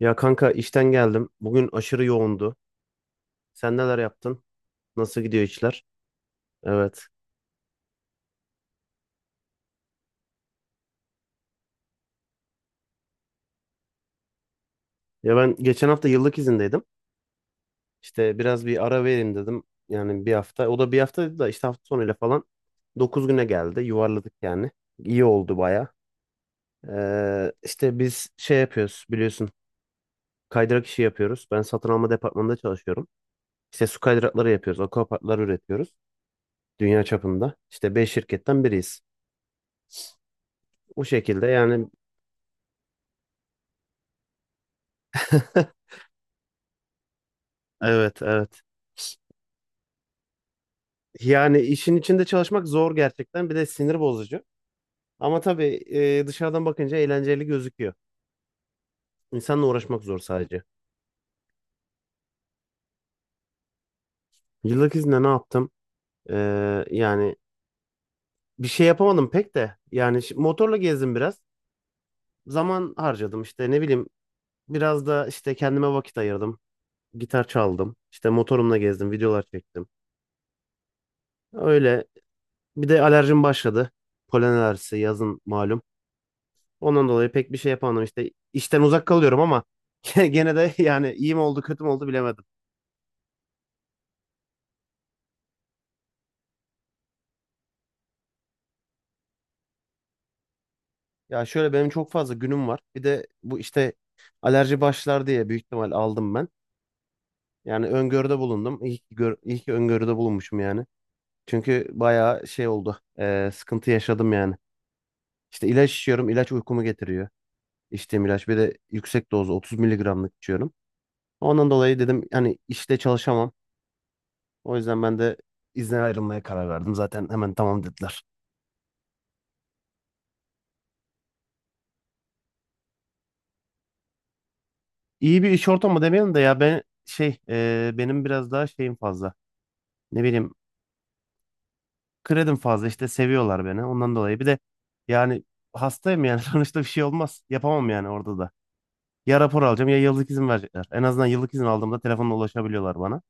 Ya kanka işten geldim. Bugün aşırı yoğundu. Sen neler yaptın? Nasıl gidiyor işler? Evet. Ya ben geçen hafta yıllık izindeydim. İşte biraz bir ara vereyim dedim. Yani bir hafta. O da bir hafta dedi da işte hafta sonuyla falan. 9 güne geldi. Yuvarladık yani. İyi oldu baya. İşte biz şey yapıyoruz biliyorsun. Kaydırak işi yapıyoruz. Ben satın alma departmanında çalışıyorum. İşte su kaydırakları yapıyoruz. Akvaparklar üretiyoruz. Dünya çapında. İşte 5 şirketten biriyiz. Bu şekilde yani. Evet, evet. Yani işin içinde çalışmak zor gerçekten. Bir de sinir bozucu. Ama tabii, dışarıdan bakınca eğlenceli gözüküyor. İnsanla uğraşmak zor sadece. Yıllık izinde ne yaptım? Yani bir şey yapamadım pek de. Yani motorla gezdim biraz. Zaman harcadım işte, ne bileyim. Biraz da işte kendime vakit ayırdım. Gitar çaldım. İşte motorumla gezdim. Videolar çektim. Öyle. Bir de alerjim başladı. Polen alerjisi yazın malum. Ondan dolayı pek bir şey yapamadım işte. İşten uzak kalıyorum ama gene de yani iyi mi oldu kötü mü oldu bilemedim. Ya şöyle, benim çok fazla günüm var. Bir de bu işte alerji başlar diye büyük ihtimal aldım ben. Yani öngörüde bulundum. İyi ki, iyi ki öngörüde bulunmuşum yani. Çünkü bayağı şey oldu. Sıkıntı yaşadım yani. İşte ilaç içiyorum. İlaç uykumu getiriyor. İçtiğim ilaç. Bir de yüksek dozu 30 miligramlık içiyorum. Ondan dolayı dedim hani, işte çalışamam. O yüzden ben de izne ayrılmaya karar verdim. Zaten hemen tamam dediler. İyi bir iş ortamı demeyelim de, ya ben şey, benim biraz daha şeyim fazla. Ne bileyim, kredim fazla işte, seviyorlar beni ondan dolayı. Bir de yani hastayım yani, sonuçta bir şey olmaz. Yapamam yani orada da. Ya rapor alacağım ya yıllık izin verecekler. En azından yıllık izin aldığımda telefonla ulaşabiliyorlar bana.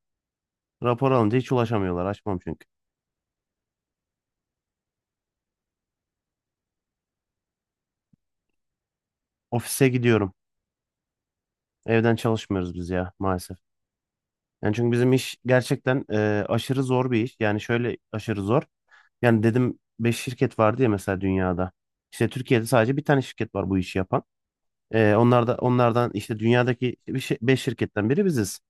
Rapor alınca hiç ulaşamıyorlar. Açmam çünkü. Ofise gidiyorum. Evden çalışmıyoruz biz ya maalesef. Yani çünkü bizim iş gerçekten aşırı zor bir iş. Yani şöyle aşırı zor. Yani dedim, 5 şirket vardı ya mesela dünyada. İşte Türkiye'de sadece bir tane şirket var bu işi yapan. Onlar da, onlardan işte, dünyadaki 5 şirketten biri biziz.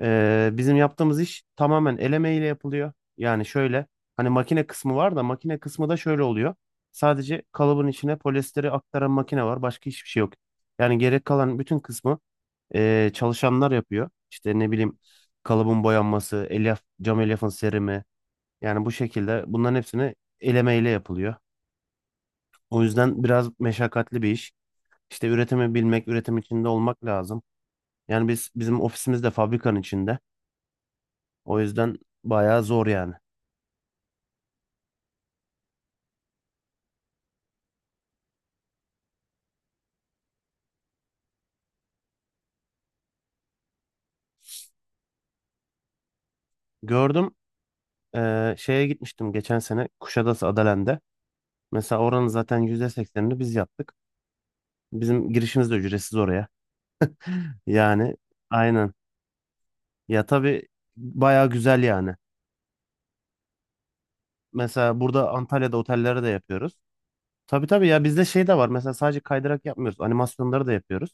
Bizim yaptığımız iş tamamen el emeğiyle yapılıyor. Yani şöyle, hani makine kısmı var da, makine kısmı da şöyle oluyor. Sadece kalıbın içine polyesteri aktaran makine var. Başka hiçbir şey yok. Yani gerek kalan bütün kısmı çalışanlar yapıyor. İşte ne bileyim, kalıbın boyanması, elyaf, cam elyafın serimi. Yani bu şekilde bunların hepsini elemeyle yapılıyor. O yüzden biraz meşakkatli bir iş. İşte üretimi bilmek, üretim içinde olmak lazım. Yani bizim ofisimiz de fabrikanın içinde. O yüzden bayağı zor yani. Gördüm, şeye gitmiştim geçen sene Kuşadası Adalen'de. Mesela oranın zaten %80 biz yaptık. Bizim girişimiz de ücretsiz oraya. Yani aynen. Ya tabii, bayağı güzel yani. Mesela burada Antalya'da otellere de yapıyoruz. Tabii tabii, ya bizde şey de var. Mesela sadece kaydırak yapmıyoruz. Animasyonları da yapıyoruz.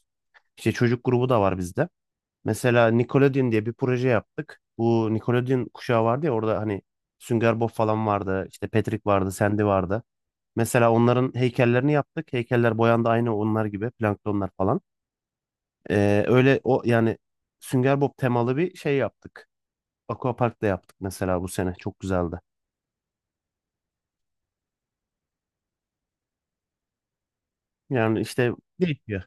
İşte çocuk grubu da var bizde. Mesela Nickelodeon diye bir proje yaptık. Bu Nickelodeon kuşağı vardı ya, orada hani Sünger Bob falan vardı. İşte Patrick vardı, Sandy vardı. Mesela onların heykellerini yaptık. Heykeller boyandı aynı onlar gibi. Planktonlar falan. Öyle o yani. Sünger Bob temalı bir şey yaptık. Aquapark da yaptık mesela bu sene. Çok güzeldi. Yani işte değişiyor.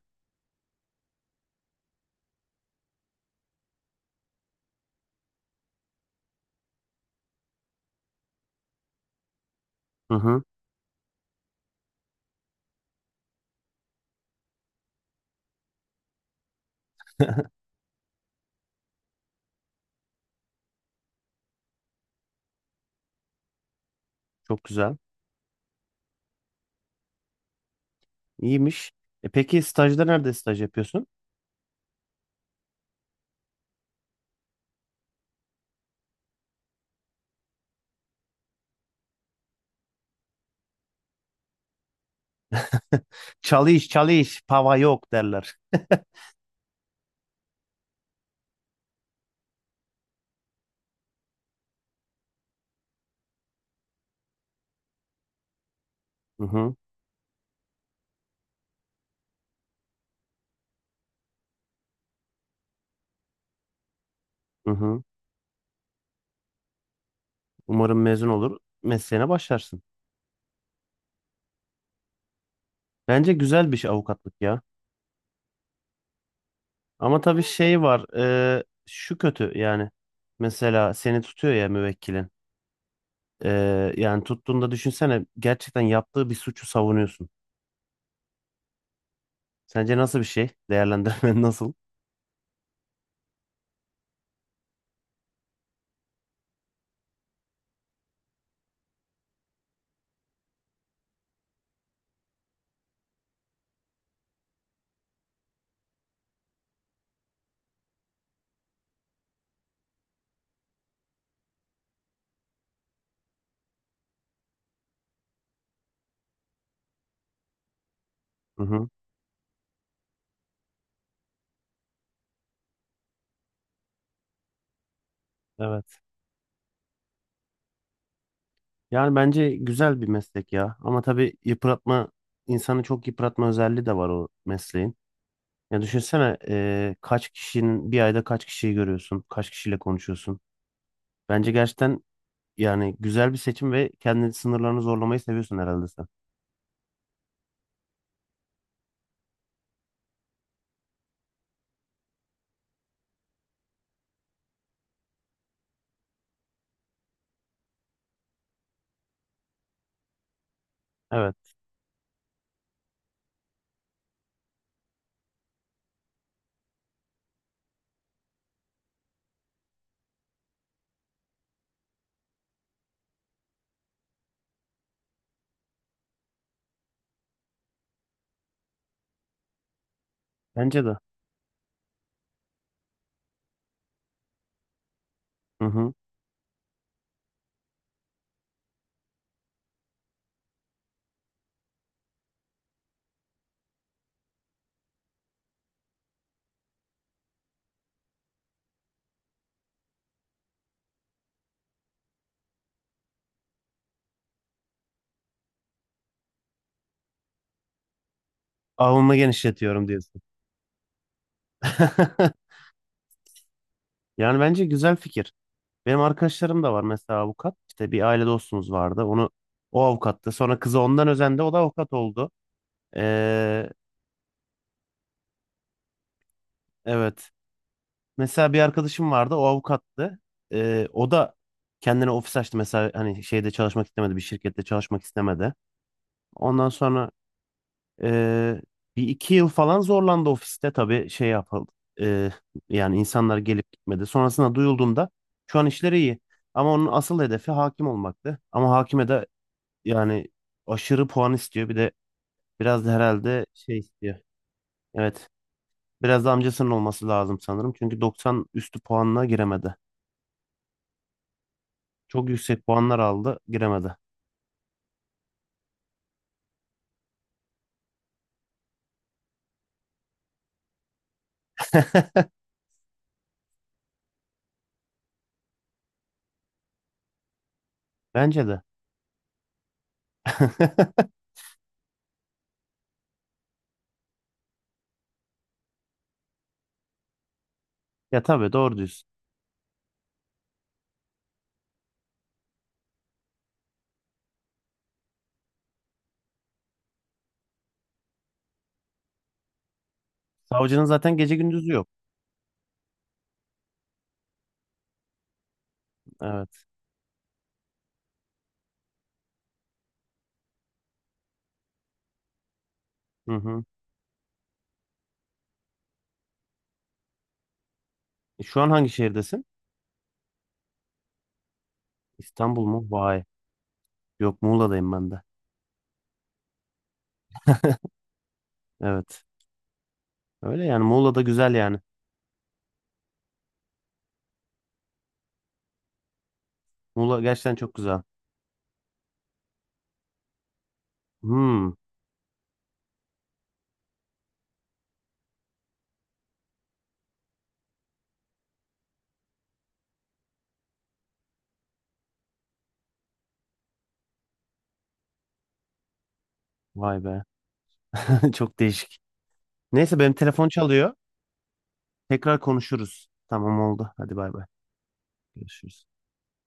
Hı hı. Çok güzel. İyiymiş. E peki, stajda nerede staj yapıyorsun? Çalış çalış pava yok derler. Hı hı, hı hı. Umarım mezun olur mesleğine başlarsın. Bence güzel bir şey avukatlık ya. Ama tabii şey var, şu kötü yani. Mesela seni tutuyor ya müvekkilin. E, yani tuttuğunda düşünsene, gerçekten yaptığı bir suçu savunuyorsun. Sence nasıl bir şey? Değerlendirmen nasıl? Hı hı. Evet. Yani bence güzel bir meslek ya. Ama tabii yıpratma, insanı çok yıpratma özelliği de var o mesleğin. Ya düşünsene, kaç kişinin bir ayda, kaç kişiyi görüyorsun, kaç kişiyle konuşuyorsun. Bence gerçekten, yani güzel bir seçim, ve kendi sınırlarını zorlamayı seviyorsun herhalde sen. Evet, bence de. Hı hı. Avamı genişletiyorum diyorsun. Yani bence güzel fikir. Benim arkadaşlarım da var mesela avukat. İşte bir aile dostumuz vardı. O avukattı. Sonra kızı ondan özendi. O da avukat oldu. Eee Evet. Mesela bir arkadaşım vardı, o avukattı. O da kendine ofis açtı mesela, hani şeyde çalışmak istemedi, bir şirkette çalışmak istemedi. Ondan sonra ee, bir iki yıl falan zorlandı ofiste, tabii şey yapıldı. Ee, yani insanlar gelip gitmedi. Sonrasında duyulduğunda şu an işleri iyi. Ama onun asıl hedefi hakim olmaktı. Ama hakime de yani aşırı puan istiyor. Bir de biraz da herhalde şey istiyor. Evet. Biraz da amcasının olması lazım sanırım. Çünkü 90 üstü puanla giremedi. Çok yüksek puanlar aldı, giremedi. Bence de. Ya tabii, doğru diyorsun. Savcının zaten gece gündüzü yok. Evet. Hı hı. Şu an hangi şehirdesin? İstanbul mu? Vay. Yok, Muğla'dayım ben de. Evet. Öyle yani, Muğla da güzel yani. Muğla gerçekten çok güzel. Hmm. Vay be. Çok değişik. Neyse, benim telefon çalıyor. Tekrar konuşuruz. Tamam, oldu. Hadi, bay bay. Görüşürüz.